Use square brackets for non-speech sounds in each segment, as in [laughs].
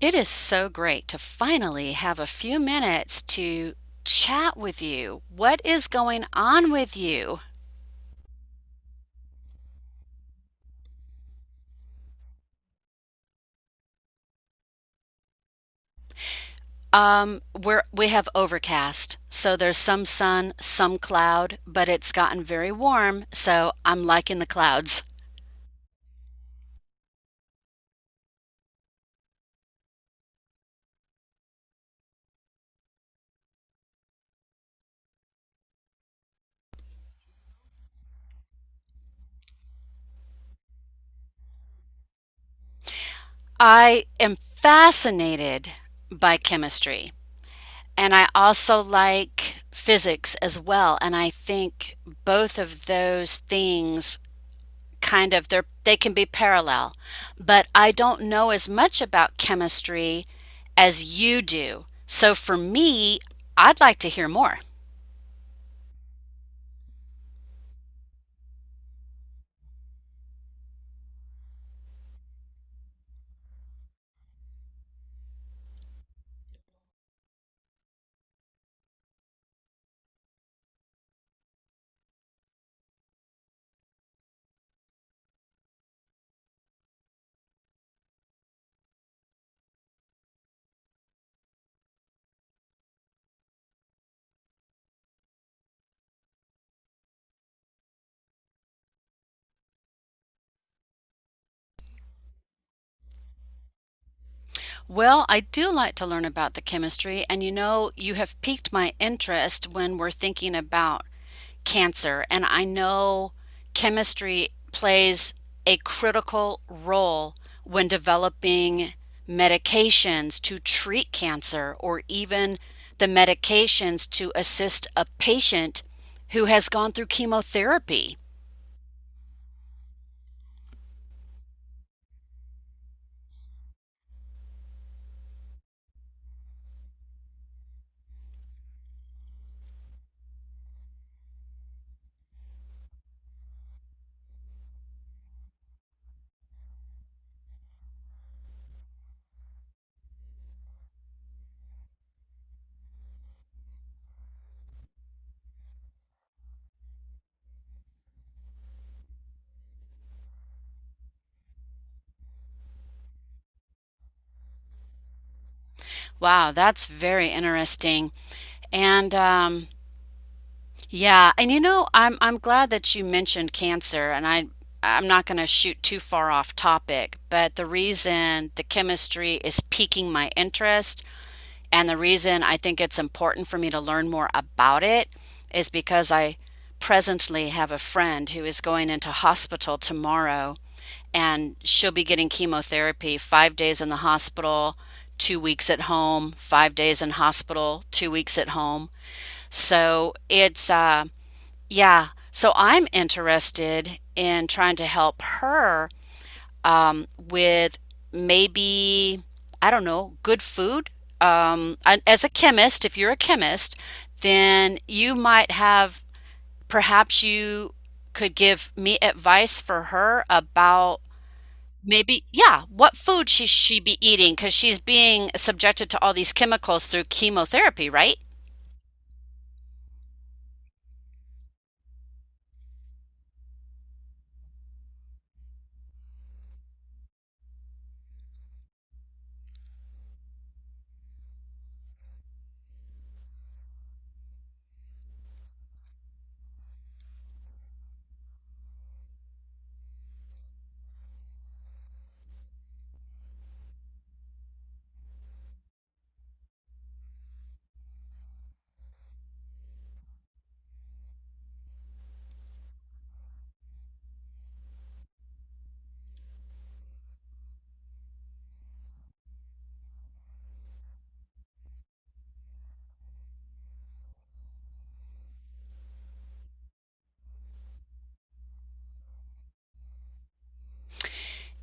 It is so great to finally have a few minutes to chat with you. What is going on with you? We have overcast, so there's some sun, some cloud, but it's gotten very warm, so I'm liking the clouds. I am fascinated by chemistry, and I also like physics as well, and I think both of those things kind of, they can be parallel, but I don't know as much about chemistry as you do, so for me, I'd like to hear more. Well, I do like to learn about the chemistry, and you know, you have piqued my interest when we're thinking about cancer. And I know chemistry plays a critical role when developing medications to treat cancer, or even the medications to assist a patient who has gone through chemotherapy. Wow, that's very interesting. And Yeah, and you know, I'm glad that you mentioned cancer, and I'm not going to shoot too far off topic, but the reason the chemistry is piquing my interest and the reason I think it's important for me to learn more about it is because I presently have a friend who is going into hospital tomorrow, and she'll be getting chemotherapy. 5 days in the hospital, 2 weeks at home, 5 days in hospital, 2 weeks at home. So, it's yeah. So I'm interested in trying to help her, with maybe, I don't know, good food. And as a chemist, if you're a chemist, then you might have, perhaps you could give me advice for her about maybe, yeah, what food she be eating, because she's being subjected to all these chemicals through chemotherapy, right?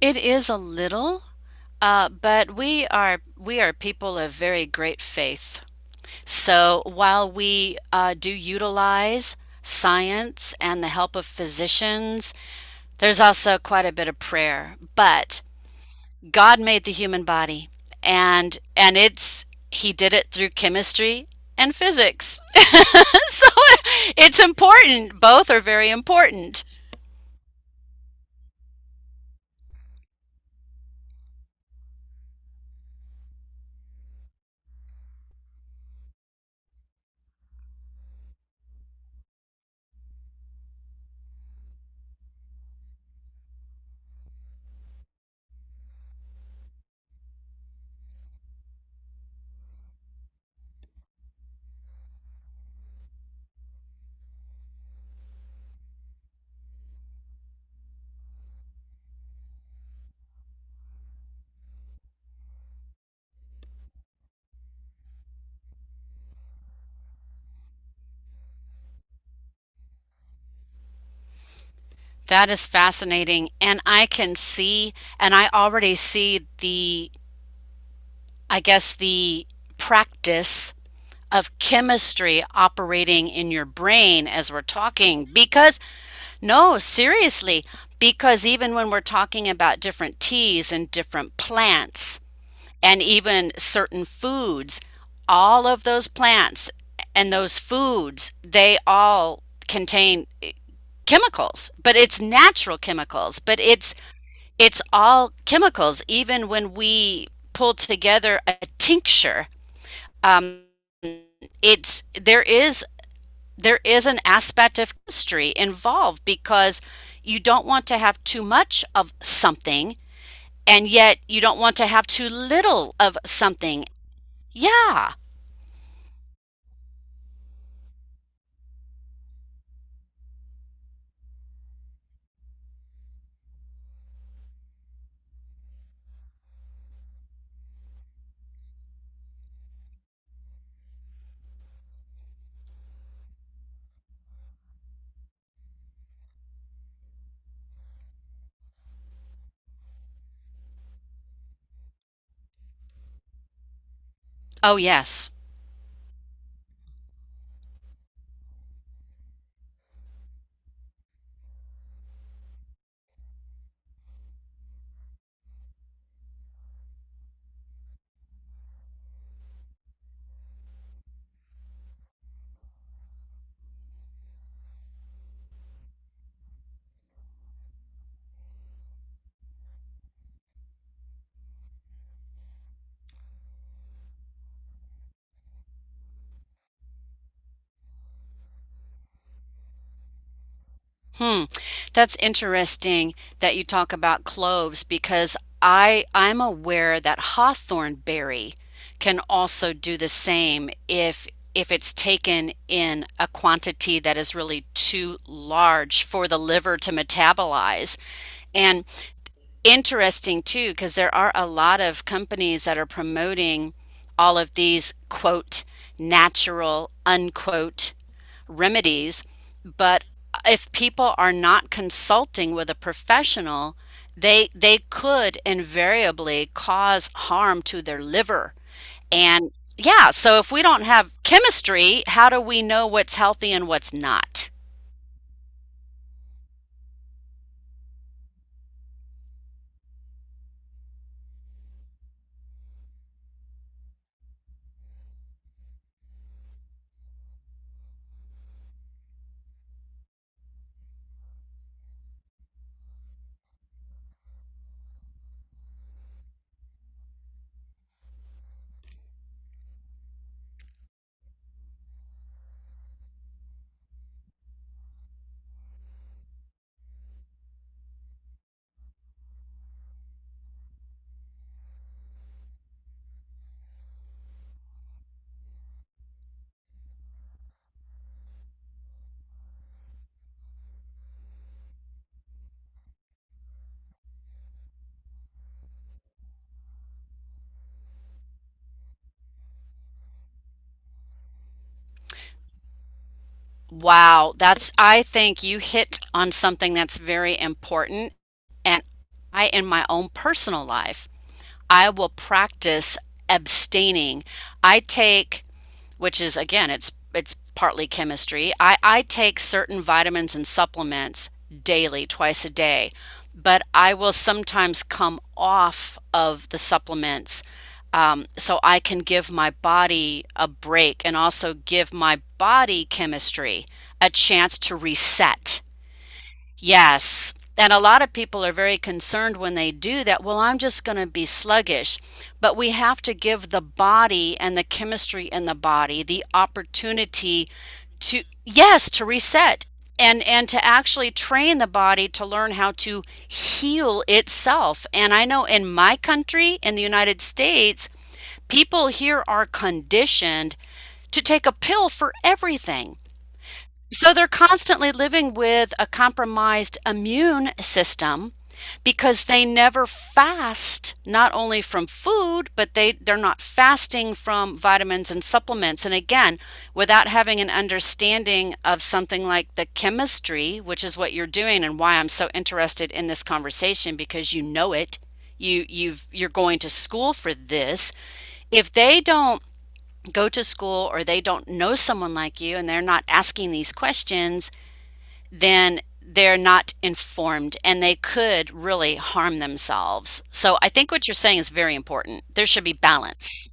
It is a little. But we are people of very great faith. So while we do utilize science and the help of physicians, there's also quite a bit of prayer. But God made the human body, and it's He did it through chemistry and physics. [laughs] So it's important. Both are very important. That is fascinating, and I can see, and I already see the, I guess, the practice of chemistry operating in your brain as we're talking. Because, no, seriously, because even when we're talking about different teas and different plants and even certain foods, all of those plants and those foods, they all contain chemicals, but it's natural chemicals, but it's all chemicals. Even when we pull together a tincture, um, it's, there is an aspect of chemistry involved, because you don't want to have too much of something, and yet you don't want to have too little of something. Yeah. Oh, yes. Hmm. That's interesting that you talk about cloves, because I'm aware that hawthorn berry can also do the same if it's taken in a quantity that is really too large for the liver to metabolize. And interesting too, because there are a lot of companies that are promoting all of these quote natural unquote remedies. But if people are not consulting with a professional, they could invariably cause harm to their liver. And yeah, so if we don't have chemistry, how do we know what's healthy and what's not? Wow, that's, I think you hit on something that's very important. And I, in my own personal life, I will practice abstaining. I take, which is again, it's partly chemistry. I take certain vitamins and supplements daily, twice a day, but I will sometimes come off of the supplements, so I can give my body a break and also give my body chemistry a chance to reset. Yes. And a lot of people are very concerned when they do that. Well, I'm just going to be sluggish. But we have to give the body and the chemistry in the body the opportunity to, yes, to reset, and to actually train the body to learn how to heal itself. And I know in my country, in the United States, people here are conditioned to take a pill for everything. So they're constantly living with a compromised immune system because they never fast not only from food, but they're not fasting from vitamins and supplements, and again, without having an understanding of something like the chemistry, which is what you're doing, and why I'm so interested in this conversation. Because you know it, you're going to school for this. If they don't go to school, or they don't know someone like you, and they're not asking these questions, then they're not informed, and they could really harm themselves. So I think what you're saying is very important. There should be balance.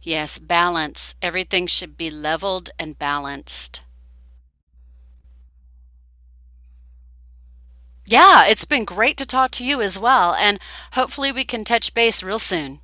Yes, balance. Everything should be leveled and balanced. Yeah, it's been great to talk to you as well. And hopefully we can touch base real soon.